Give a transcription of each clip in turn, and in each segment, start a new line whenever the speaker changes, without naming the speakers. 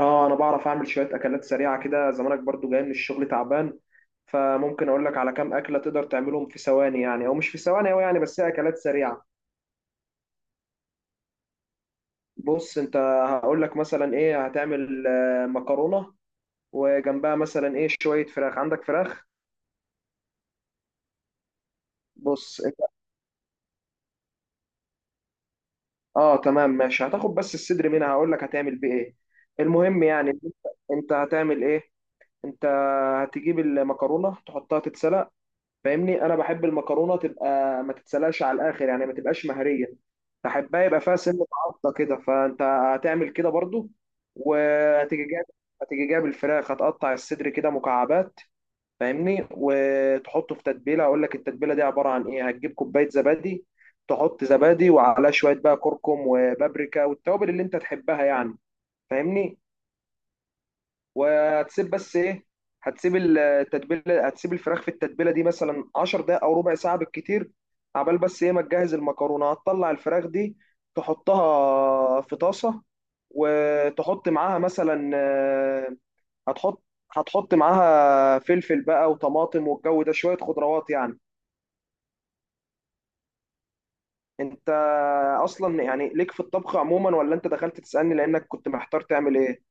اه، انا بعرف اعمل شويه اكلات سريعه كده. زمانك برضو جاي من الشغل تعبان، فممكن اقول لك على كام اكله تقدر تعملهم في ثواني يعني، او مش في ثواني أوي يعني، بس هي اكلات سريعه. بص انت، هقول لك مثلا ايه هتعمل. مكرونه، وجنبها مثلا ايه شويه فراخ. عندك فراخ؟ بص انت. اه تمام ماشي، هتاخد بس الصدر منها، هقول لك هتعمل بيه ايه. المهم يعني انت، هتعمل ايه. انت هتجيب المكرونه تحطها تتسلق. فاهمني، انا بحب المكرونه تبقى ما تتسلقش على الاخر يعني، ما تبقاش مهريه. بحبها يبقى فيها سنه عضه كده، فانت هتعمل كده برضو. وهتيجي جايب هتيجي جايب الفراخ، هتقطع الصدر كده مكعبات. فاهمني، وتحطه في تتبيله. اقول لك التتبيله دي عباره عن ايه. هتجيب كوبايه زبادي، تحط زبادي وعلى شويه بقى كركم وبابريكا والتوابل اللي انت تحبها يعني. فاهمني. وهتسيب بس ايه هتسيب التتبيله، هتسيب الفراخ في التتبيله دي مثلا 10 دقائق او ربع ساعه بالكتير، عبال بس ايه ما تجهز المكرونه. هتطلع الفراخ دي تحطها في طاسه، وتحط معاها مثلا هتحط هتحط معاها فلفل بقى وطماطم والجو ده شويه خضروات يعني. انت اصلا يعني ليك في الطبخ عموما، ولا انت دخلت تسالني لانك كنت محتار تعمل ايه؟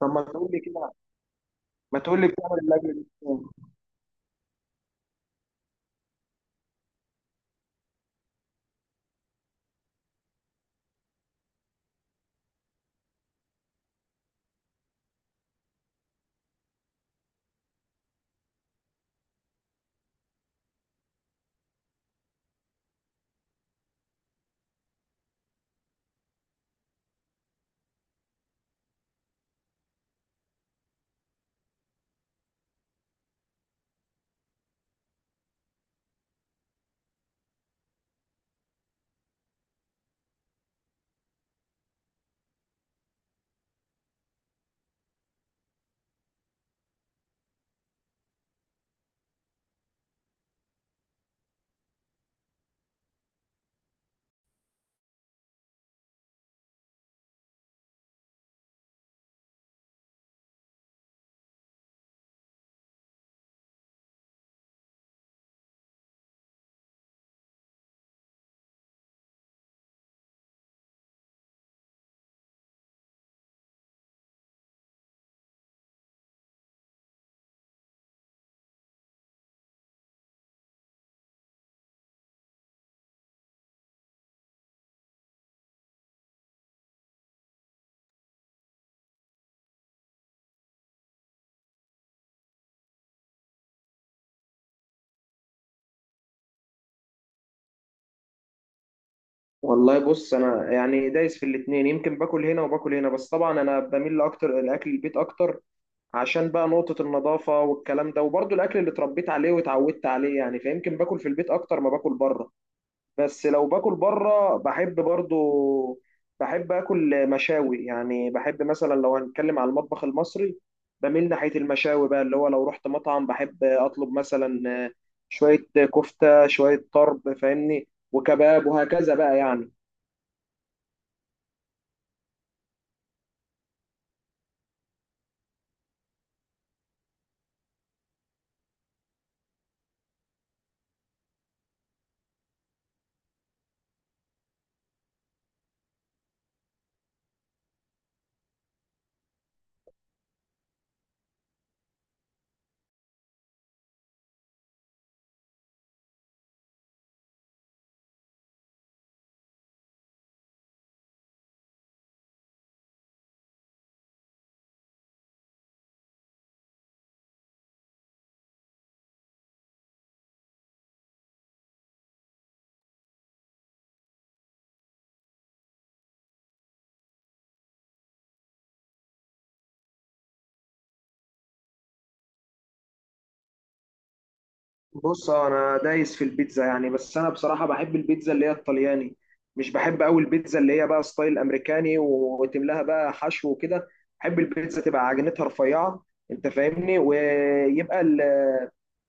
طب ما تقول لي كده، ما تقول لي بتعمل الاكل دي إزاي؟ والله بص، انا يعني دايس في الاتنين. يمكن باكل هنا وباكل هنا، بس طبعا انا بميل اكتر لاكل البيت اكتر، عشان بقى نقطة النظافة والكلام ده، وبرضه الاكل اللي اتربيت عليه واتعودت عليه يعني، فيمكن باكل في البيت اكتر ما باكل بره. بس لو باكل بره بحب برضه، بحب اكل مشاوي يعني. بحب مثلا لو هنتكلم على المطبخ المصري، بميل ناحية المشاوي بقى، اللي هو لو رحت مطعم بحب اطلب مثلا شوية كفتة، شوية طرب، فاهمني، وكباب، وهكذا بقى يعني. بص، انا دايس في البيتزا يعني. بس انا بصراحه بحب البيتزا اللي هي الطلياني، مش بحب قوي البيتزا اللي هي بقى ستايل امريكاني وتملاها بقى حشو وكده. بحب البيتزا تبقى عجينتها رفيعه، انت فاهمني، ويبقى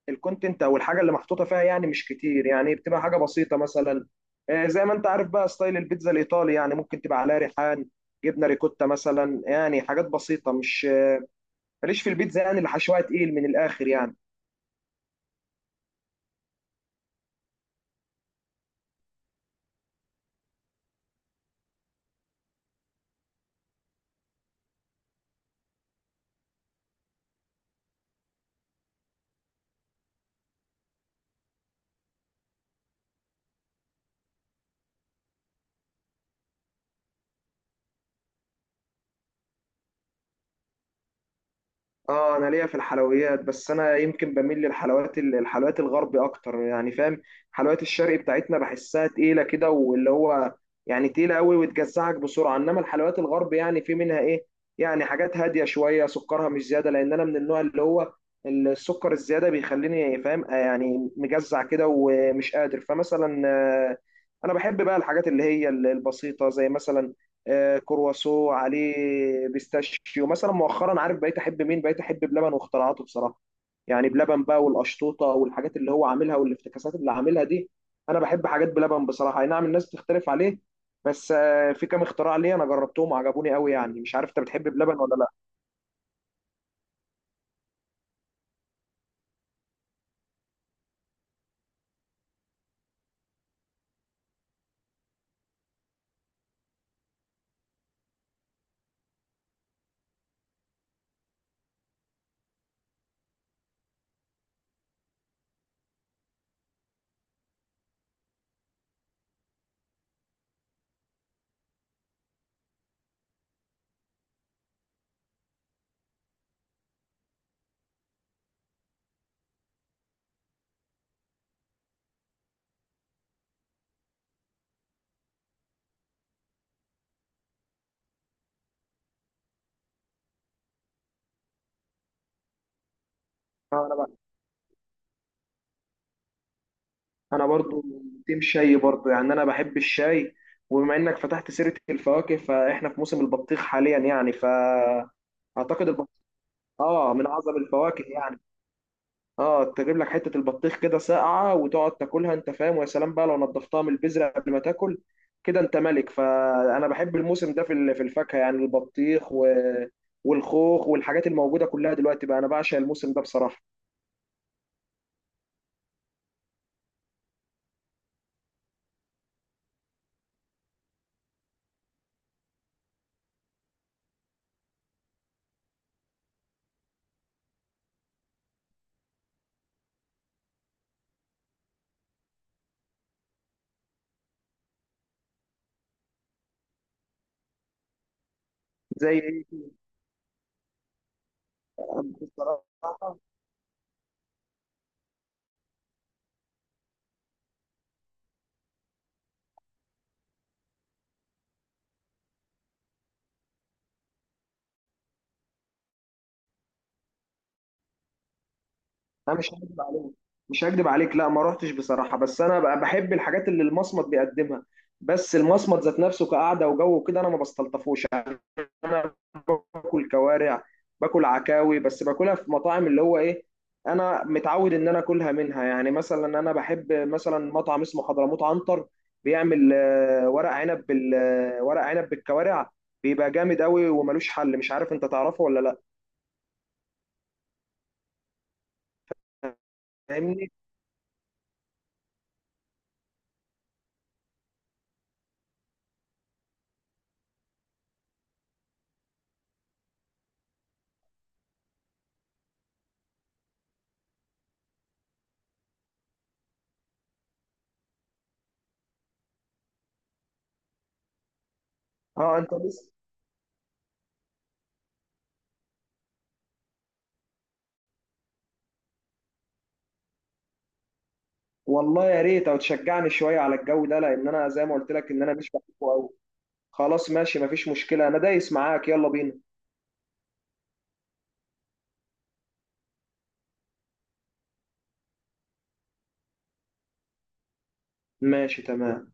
الكونتنت او الحاجه اللي محطوطه فيها يعني مش كتير يعني. بتبقى حاجه بسيطه مثلا، زي ما انت عارف بقى ستايل البيتزا الايطالي يعني، ممكن تبقى عليها ريحان، جبنه ريكوتا مثلا يعني، حاجات بسيطه. مش ماليش في البيتزا يعني اللي حشوها تقيل من الاخر يعني. اه انا ليا في الحلويات، بس انا يمكن بميل للحلويات، الحلويات الغربي اكتر يعني. فاهم، حلويات الشرق بتاعتنا بحسها تقيله كده، واللي هو يعني تقيله قوي وتجزعك بسرعه. انما الحلويات الغرب يعني، في منها ايه يعني، حاجات هاديه شويه سكرها مش زياده، لان انا من النوع اللي هو السكر الزياده بيخليني فاهم، يعني مجزع كده ومش قادر. فمثلا انا بحب بقى الحاجات اللي هي البسيطه، زي مثلا كرواسو عليه بيستاشيو مثلا. مؤخرا عارف بقيت احب مين؟ بقيت احب بلبن واختراعاته بصراحه يعني. بلبن بقى، والقشطوطه والحاجات اللي هو عاملها، والافتكاسات اللي عاملها دي. انا بحب حاجات بلبن بصراحه. اي نعم الناس بتختلف عليه، بس في كام اختراع ليه انا جربتهم وعجبوني قوي يعني. مش عارف انت بتحب بلبن ولا لا. انا برضو تيم شاي برضو يعني، انا بحب الشاي. وبما انك فتحت سيره الفواكه فاحنا في موسم البطيخ حاليا يعني، ف اعتقد البطيخ اه من اعظم الفواكه يعني. اه تجيب لك حته البطيخ كده ساقعه وتقعد تاكلها انت فاهم، ويا سلام بقى لو نضفتها من البذره قبل ما تاكل كده، انت ملك. فانا بحب الموسم ده في في الفاكهه يعني، البطيخ والخوخ والحاجات الموجوده كلها دلوقتي بقى. انا بعشق الموسم ده بصراحه. زي ايه؟ بصراحه انا مش هكدب عليك، مش هكدب عليك، لا ما رحتش بصراحه. بس انا بقى بحب الحاجات اللي المصمت بيقدمها، بس المصمت ذات نفسه كقعده وجو وكده انا ما بستلطفوش. انا باكل كوارع، باكل عكاوي، بس باكلها في مطاعم اللي هو ايه. انا متعود ان انا اكلها منها يعني. مثلا انا بحب مثلا مطعم اسمه حضرموت عنتر، بيعمل ورق عنب بال آه، ورق عنب بالكوارع. بيبقى جامد قوي وملوش حل. مش عارف انت تعرفه ولا لا. فاهمني، اه انت بس. والله يا ريت، او تشجعني شويه على الجو ده، لان انا زي ما قلت لك ان انا مش بحبه قوي. خلاص ماشي مفيش مشكله، انا دايس معاك، يلا بينا. ماشي تمام.